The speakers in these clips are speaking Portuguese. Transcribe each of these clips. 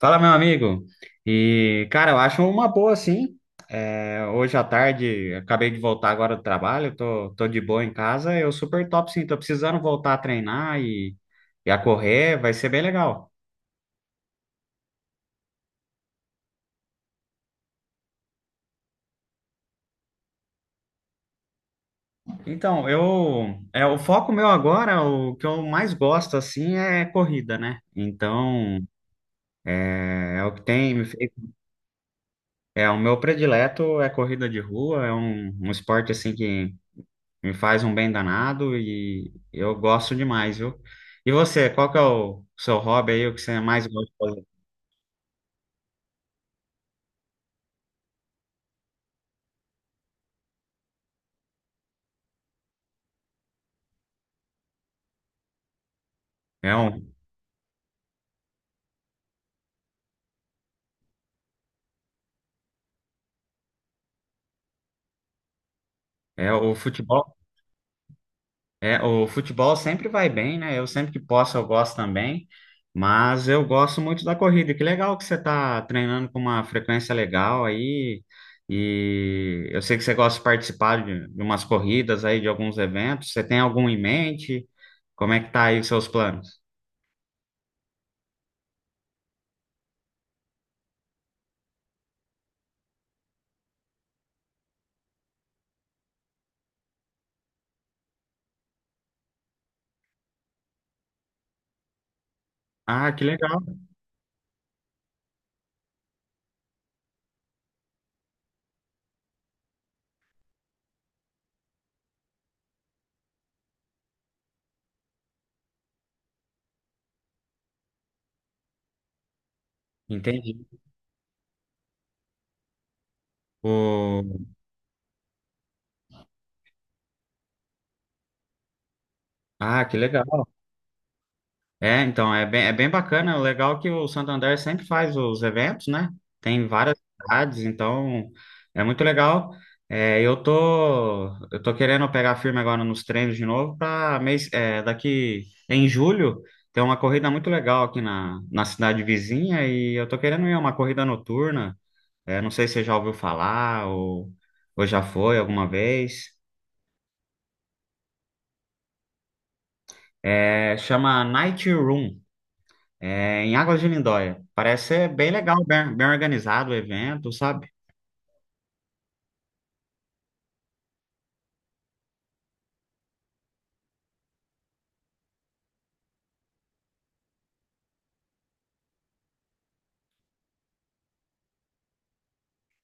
Fala, meu amigo. E, cara, eu acho uma boa, sim. É, hoje à tarde, acabei de voltar agora do trabalho, tô de boa em casa. Eu super top, sim. Tô precisando voltar a treinar e a correr, vai ser bem legal. Então, o foco meu agora, o que eu mais gosto, assim, é corrida, né? Então, é o que tem me feito. É, o meu predileto é corrida de rua, é um esporte, assim, que me faz um bem danado e eu gosto demais, viu? E você, qual que é o seu hobby aí, o que você mais gosta de fazer? É, um, é o futebol? É, o futebol sempre vai bem, né? Eu sempre que posso eu gosto também, mas eu gosto muito da corrida. Que legal que você tá treinando com uma frequência legal aí. E eu sei que você gosta de participar de umas corridas aí, de alguns eventos. Você tem algum em mente? Como é que tá aí os seus planos? Ah, que legal. Entendi. O... Ah, que legal. É, então, é bem bacana. O legal é que o Santander sempre faz os eventos, né? Tem várias cidades, então é muito legal. É, eu tô querendo pegar firme agora nos treinos de novo para mês, daqui em julho tem uma corrida muito legal aqui na cidade vizinha e eu tô querendo ir a uma corrida noturna. É, não sei se você já ouviu falar ou já foi alguma vez. É, chama Night Run. Em Águas de Lindóia. Parece ser bem legal, bem, bem organizado o evento, sabe?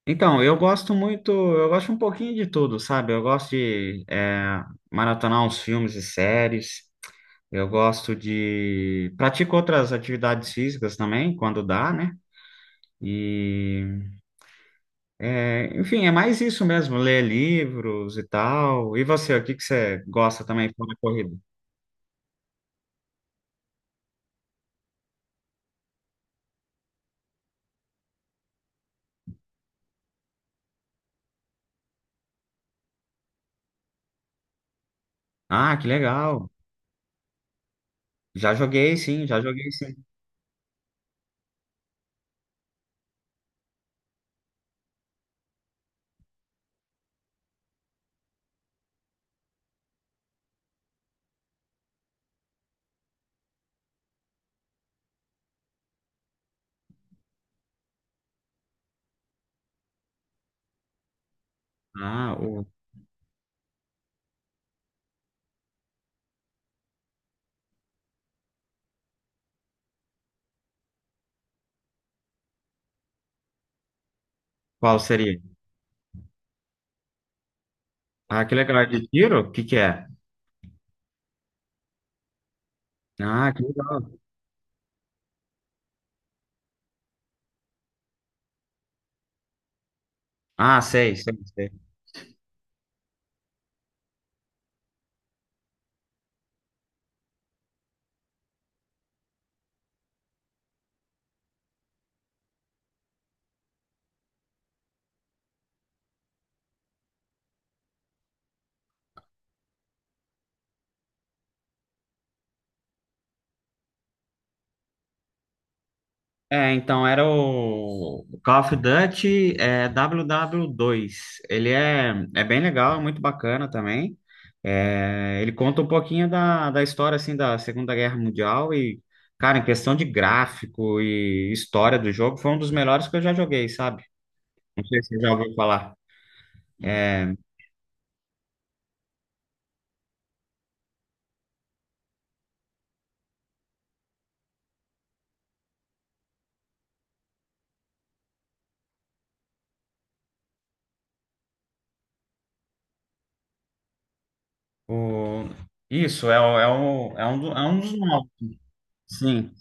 Então, eu gosto muito, eu gosto um pouquinho de tudo, sabe? Eu gosto de maratonar uns filmes e séries, Pratico outras atividades físicas também, quando dá, né? E, enfim, é mais isso mesmo, ler livros e tal. E você, o que que você gosta também fora da corrida? Ah, que legal! Já joguei, sim, já joguei, sim. Ah, qual seria? Ah, que legal. É de tiro? O que que é? Ah, que legal. Ah, sei, sei, sei. É, então era o Call of Duty WW2. Ele é bem legal, é muito bacana também. É, ele conta um pouquinho da história assim da Segunda Guerra Mundial e, cara, em questão de gráfico e história do jogo, foi um dos melhores que eu já joguei, sabe? Não sei se você já ouviu falar. É, o, isso. é, o- é, o, é, um, do- é um dos novos. Sim.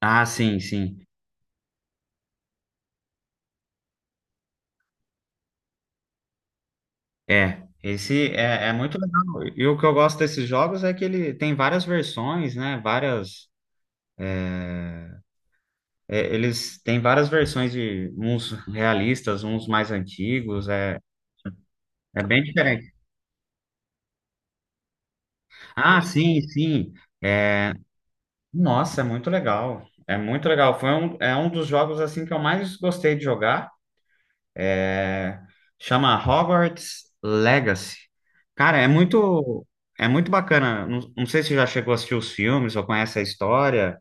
Ah, sim, sim. É, esse é muito legal. E o que eu gosto desses jogos é que ele tem várias versões, né? Várias, eles têm várias versões de uns realistas, uns mais antigos. É bem diferente. Ah, sim, sim. É, nossa, é muito legal. É muito legal. É um dos jogos assim que eu mais gostei de jogar. É, Chama Hogwarts Legacy. Cara, é muito bacana. Não, não sei se você já chegou a assistir os filmes ou conhece a história.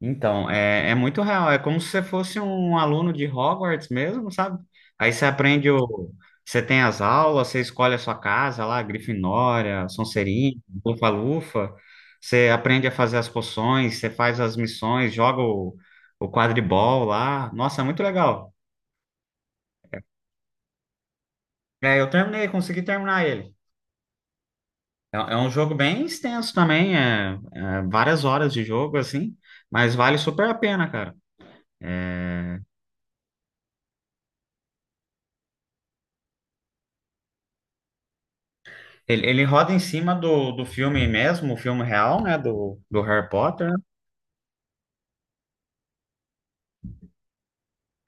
Então, é muito real. É como se você fosse um aluno de Hogwarts mesmo, sabe? Aí você aprende o. Você tem as aulas, você escolhe a sua casa lá, Grifinória, Sonserina, Lufa-Lufa. Você aprende a fazer as poções, você faz as missões, joga o quadribol lá. Nossa, é muito legal. Eu terminei, consegui terminar ele. É um jogo bem extenso também, é várias horas de jogo, assim, mas vale super a pena, cara. É, ele roda em cima do filme mesmo, o filme real, né, do Harry Potter, né?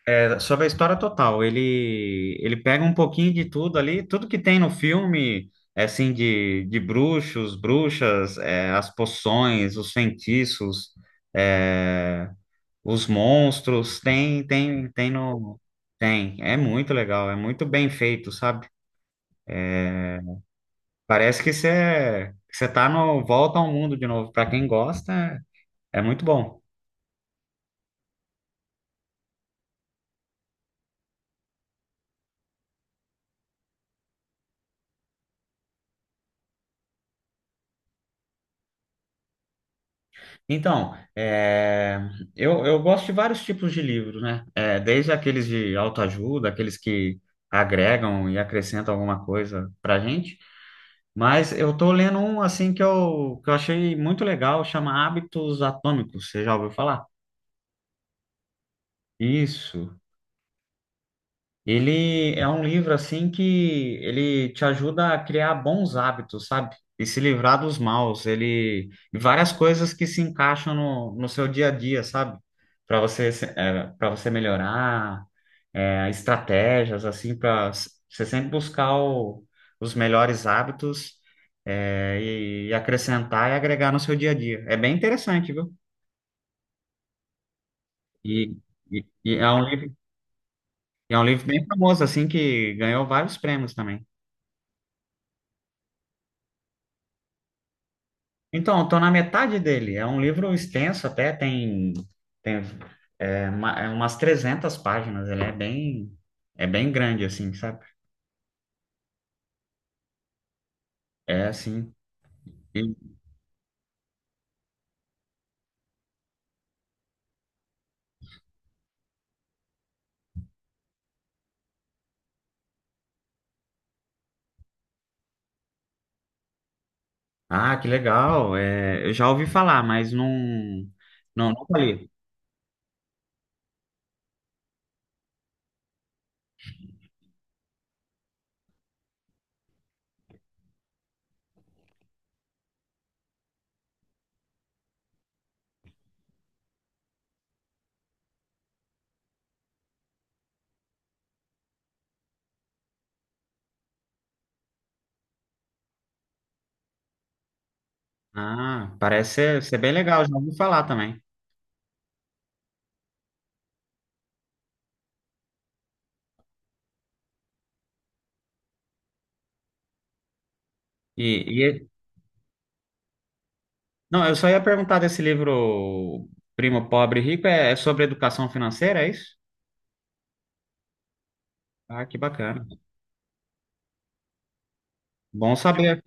É sobre a história total. Ele pega um pouquinho de tudo ali, tudo que tem no filme, assim, de bruxos, bruxas, as poções, os feitiços, é, os monstros, tem, tem, tem no... Tem, é muito legal, é muito bem feito, sabe? Parece que você tá no Volta ao Mundo de novo. Para quem gosta, é muito bom. Então, eu gosto de vários tipos de livros, né? É, desde aqueles de autoajuda, aqueles que agregam e acrescentam alguma coisa pra gente. Mas eu tô lendo um, assim, que eu achei muito legal, chama Hábitos Atômicos. Você já ouviu falar? Isso. Ele é um livro assim que ele te ajuda a criar bons hábitos, sabe? E se livrar dos maus. Ele e várias coisas que se encaixam no seu dia a dia, sabe? Para você para você melhorar, estratégias assim para você sempre buscar os melhores hábitos e acrescentar e agregar no seu dia a dia. É bem interessante, viu? E, e é um livro bem famoso assim que ganhou vários prêmios também. Então, estou na metade dele. É um livro extenso até, tem umas 300 páginas. Ele é bem grande, assim, sabe? É, assim. E- ah, que legal. É, eu já ouvi falar, mas não, não, nunca li. Ah, parece ser, bem legal. Já ouvi falar também. E, e- não, eu só ia perguntar desse livro Primo Pobre e Rico. É sobre educação financeira, é isso? Ah, que bacana. Bom saber.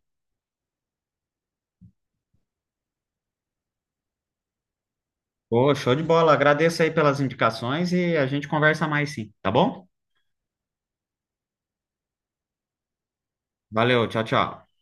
Pô, show de bola. Agradeço aí pelas indicações e a gente conversa mais sim, tá bom? Valeu, tchau, tchau.